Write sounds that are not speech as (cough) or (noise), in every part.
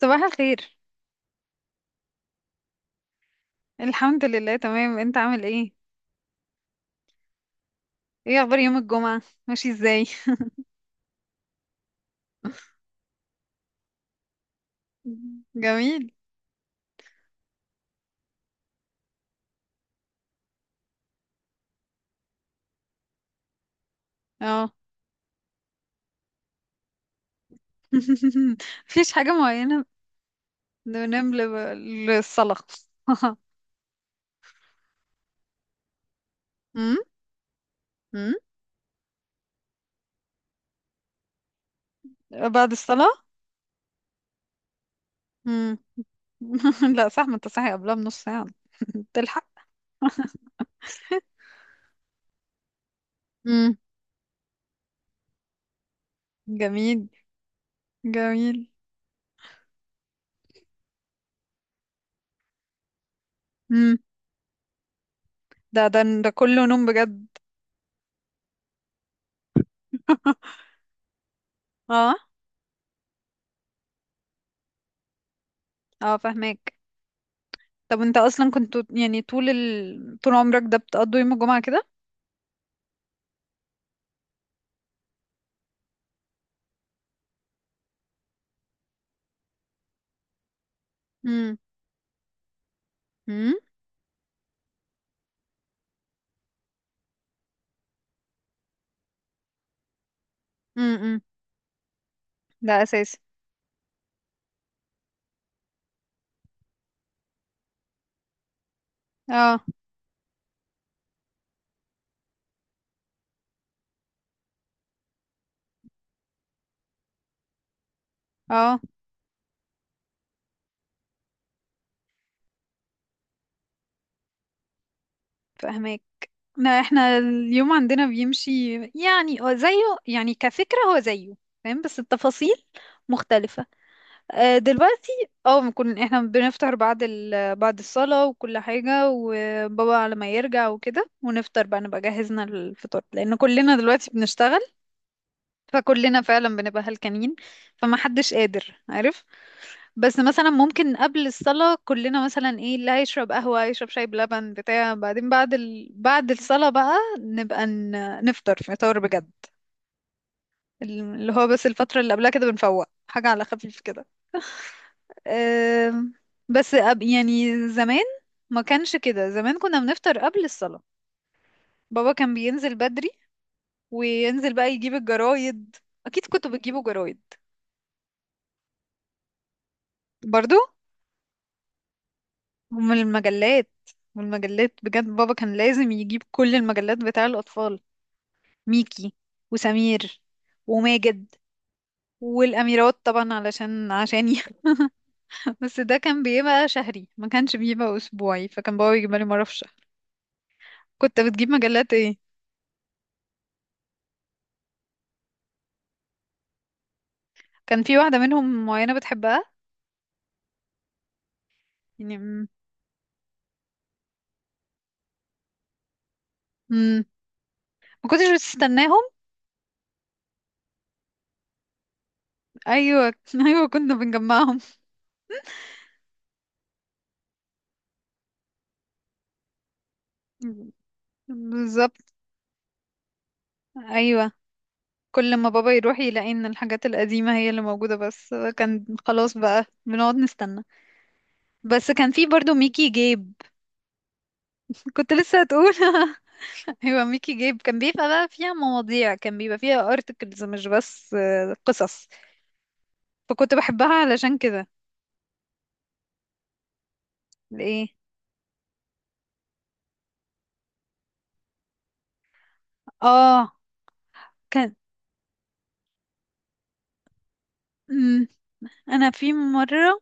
صباح الخير. الحمد لله، تمام. انت عامل ايه؟ ايه اخبار يوم الجمعة، ماشي ازاي؟ (laughs) جميل. اه. (laughs) مفيش حاجة معينة. بننام للصلاة. (laughs) امم. امم. بعد الصلاة. امم. (laughs) لا صح، ما انت صاحي قبلها بنص ساعة. (laughs) تلحق. امم. جميل. جميل. امم. ده كله نوم بجد. اه. اه، فاهمك. طب انت اصلا كنت يعني طول عمرك ده بتقضي يوم الجمعة كده؟ امم. امم. ده اساسي. اه. اه، فاهمك. لا، احنا اليوم عندنا بيمشي يعني، هو زيه يعني كفكرة، هو زيه. فاهم بس التفاصيل مختلفة. آه، دلوقتي اه بنكون احنا بنفطر بعد بعد الصلاة وكل حاجة، وبابا على ما يرجع وكده، ونفطر بقى، نبقى جهزنا الفطار لأن كلنا دلوقتي بنشتغل. فكلنا فعلا بنبقى هلكانين، فما حدش قادر، عارف. بس مثلا ممكن قبل الصلاة كلنا مثلا ايه، اللي هيشرب قهوة هيشرب شاي بلبن بتاع، بعدين بعد بعد الصلاة بقى نبقى ن... نفطر فطار بجد. اللي هو بس الفترة اللي قبلها كده بنفوق حاجة على خفيف كده. أم... بس يعني زمان ما كانش كده، زمان كنا بنفطر قبل الصلاة. بابا كان بينزل بدري، وينزل بقى يجيب الجرايد. أكيد كنتوا بتجيبوا جرايد. برضو. ومن المجلات. والمجلات بجد بابا كان لازم يجيب كل المجلات بتاع الأطفال: ميكي وسمير وماجد والأميرات طبعا، علشان عشاني. (laughs) بس ده كان بيبقى شهري، ما كانش بيبقى أسبوعي، فكان بابا بيجيبها لي مرة في الشهر. كنت بتجيب مجلات ايه؟ كان في واحدة منهم معينة بتحبها؟ يعني م... ما كنتش بتستناهم. أيوة. (laughs) أيوة، كنا بنجمعهم. بالظبط. أيوة. كل ما بابا يروح يلاقي ان الحاجات القديمة هي اللي موجودة، بس كان خلاص بقى بنقعد نستنى. بس كان في برضو ميكي جيب. (laughs) كنت لسه هتقول. (laughs) ايوه، ميكي جيب كان بيبقى بقى فيها مواضيع، كان بيبقى فيها ارتكلز، مش بس آه، قصص. فكنت بحبها علشان كده. ايه. اه. كان. مم. انا في مره.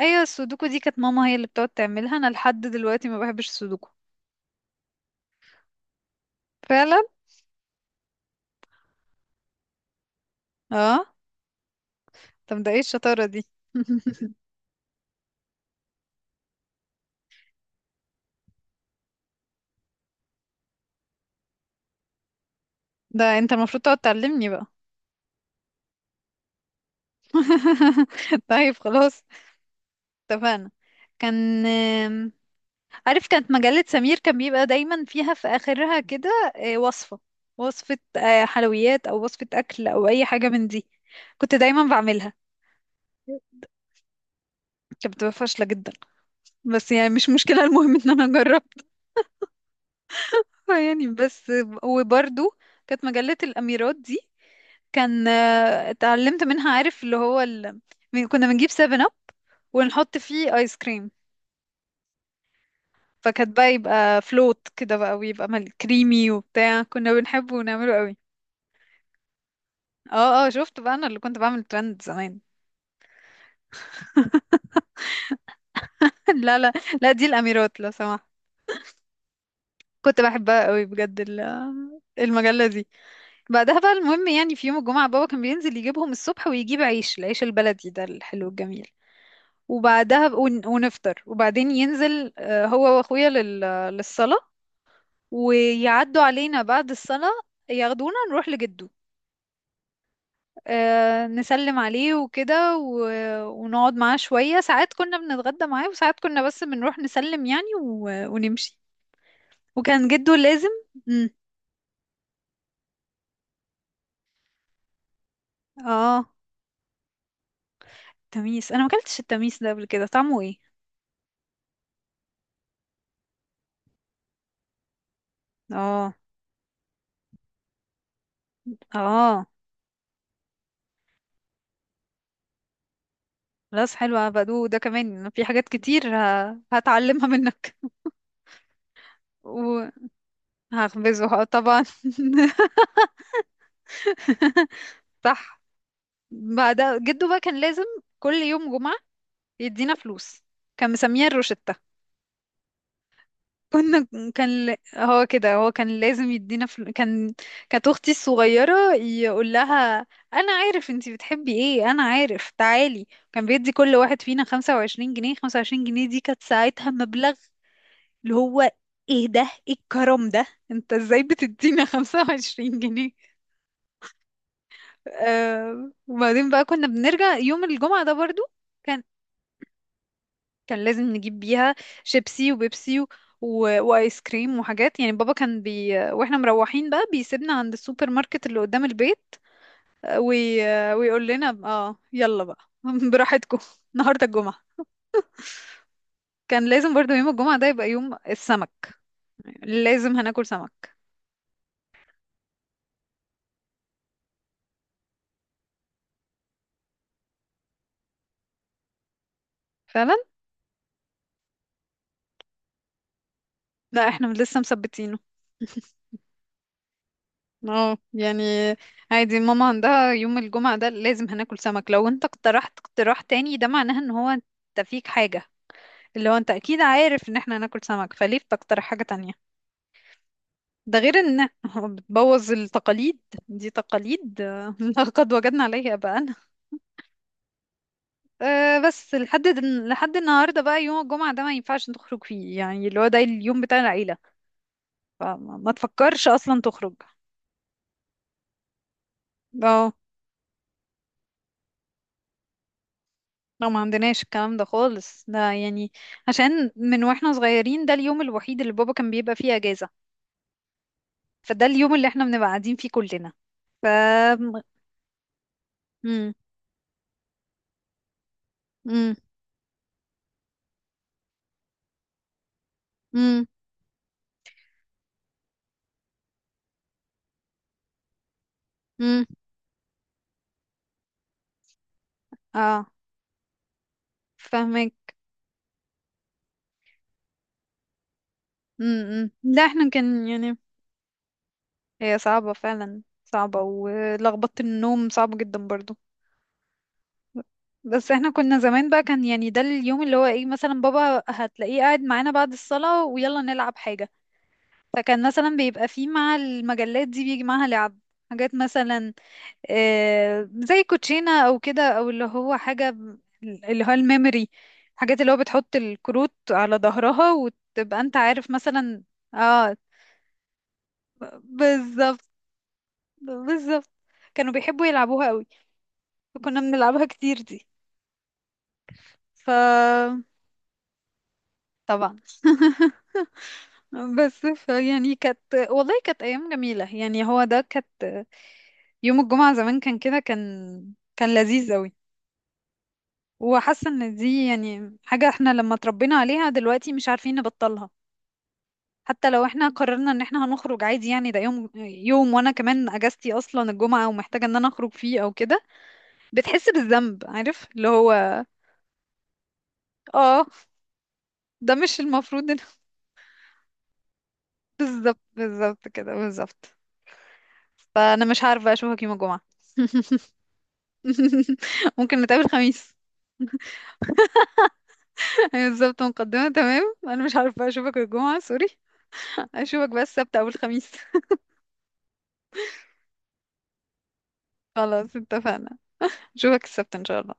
ايوه، السودوكو دي كانت ماما هي اللي بتقعد تعملها، انا لحد دلوقتي ما بحبش السودوكو. فعلا. اه. طب ده ايه الشطاره دي؟ (laughs) ده انت المفروض تقعد تعلمني بقى. (laughs) طيب، خلاص. اتفقنا. كان. عارف كانت مجلة سمير كان بيبقى دايما فيها في آخرها كده آه، وصفة. وصفة آه، حلويات أو وصفة أكل أو أي حاجة من دي. كنت دايما بعملها. كانت بتبقى فاشلة جدا، بس يعني مش مشكلة، المهم إن أنا جربتها. (laughs) يعني بس. وبرضو كانت مجلة الأميرات دي كان آه، اتعلمت منها، عارف كنا بنجيب سيفن أب ونحط فيه آيس كريم. فكانت بقى يبقى فلوت كده بقى، ويبقى كريمي وبتاع، كنا بنحبه ونعمله قوي. اه. اه، شفت بقى، انا اللي كنت بعمل ترند زمان. (laughs) لا لا. لا، دي الاميرات لو سمحت. كنت بحبها قوي بجد، المجله دي. بعدها بقى المهم يعني في يوم الجمعه بابا كان بينزل يجيبهم الصبح، ويجيب عيش، العيش البلدي ده الحلو الجميل. وبعدها ونفطر، وبعدين ينزل آه، هو واخويا للصلاه. ويعدوا علينا بعد الصلاه، ياخدونا نروح لجده آه، نسلم عليه وكده ونقعد معاه شوية ساعات. كنا بنتغدى معاه، وساعات كنا بس بنروح نسلم يعني ونمشي. وكان جده لازم. مم. اه. تميس. انا ما اكلتش التميس ده قبل كده، طعمه ايه؟ اه. اه. خلاص، حلوة. بدو ده كمان في حاجات كتير هتعلمها منك. (laughs) وهخبزه آه، طبعا. (laughs) صح. بعد، جده بقى كان لازم كل يوم جمعة يدينا فلوس. كان مسميها الروشتة. كنا. كان هو كده، هو كان لازم يدينا كان. كانت اختي الصغيره يقول لها: انا عارف انتي بتحبي ايه، انا عارف، تعالي. كان بيدي كل واحد فينا 25 جنيه. 25 جنيه دي كانت ساعتها مبلغ، اللي هو ايه ده، ايه الكرم ده، انت ازاي بتدينا (laughs) 25 جنيه؟ آه. وبعدين بقى كنا بنرجع يوم الجمعه ده برضو. كان. كان لازم نجيب بيها شيبسي وبيبسي وايس كريم وحاجات، يعني بابا كان بي... واحنا مروحين بقى بيسيبنا عند السوبر ماركت اللي قدام البيت آه، ويقول لنا اه: يلا بقى (laughs) براحتكم، النهارده الجمعة. كان لازم برضو يوم الجمعة ده يبقى يوم السمك، لازم هناكل سمك. فعلا. لا، احنا لسه مثبتينه. (laughs) اه يعني عادي، ماما عندها يوم الجمعة ده لازم هناكل سمك، لو انت اقترحت اقتراح تاني ده معناه ان هو انت فيك حاجة، اللي هو انت اكيد عارف ان احنا هناكل سمك، فليه بتقترح حاجة تانية؟ ده غير ان (laughs) بتبوظ التقاليد. دي تقاليد آه، (laughs) لقد وجدنا عليها بقى. أه، بس لحد لحد النهارده بقى يوم الجمعة ده ما ينفعش تخرج فيه يعني، اللي هو ده اليوم بتاع العيلة، فما ما تفكرش اصلا تخرج. اه. لا، ما عندناش الكلام ده خالص، ده يعني عشان من واحنا صغيرين ده اليوم الوحيد اللي بابا كان بيبقى فيه اجازة. فده اليوم اللي احنا بنبقى قاعدين فيه كلنا. ف. مم. مم. مم. مم. اه، فاهمك. امم. لا، احنا كان يعني. هي صعبة، فعلا صعبة، ولخبطة النوم صعبة جدا برضو. بس احنا كنا زمان بقى، كان يعني ده اليوم اللي هو ايه، مثلا بابا هتلاقيه قاعد معانا بعد الصلاة ويلا نلعب حاجة. فكان مثلا بيبقى فيه مع المجلات دي بيجي معاها لعب، حاجات مثلا آه زي كوتشينة او كده، او اللي هو الميموري، حاجات اللي هو بتحط الكروت على ظهرها وتبقى انت عارف مثلا. اه، بالظبط، بالظبط. كانوا بيحبوا يلعبوها قوي، فكنا بنلعبها كتير دي. ف. طبعا. (laughs) بس ف يعني كانت، والله كانت ايام جميله، يعني هو ده كانت. يوم الجمعه زمان كان كده، كان. كان لذيذ قوي. وحاسه ان دي يعني حاجه احنا لما اتربينا عليها دلوقتي مش عارفين نبطلها. حتى لو احنا قررنا ان احنا هنخرج عادي، يعني ده يوم يوم، وانا كمان اجازتي اصلا الجمعه ومحتاجه ان انا اخرج فيه او كده، بتحس بالذنب، عارف اللي هو. اه. ده مش المفروض ان. (laughs) بالظبط، بالظبط كده، بالظبط. فانا مش عارفه اشوفك يوم الجمعه. (laughs) ممكن نتقابل خميس. (laughs) بالظبط، مقدمه تمام. انا مش عارفه اشوفك الجمعه، سوري. اشوفك بس السبت او الخميس. (laughs) خلاص، اتفقنا. اشوفك السبت ان شاء الله.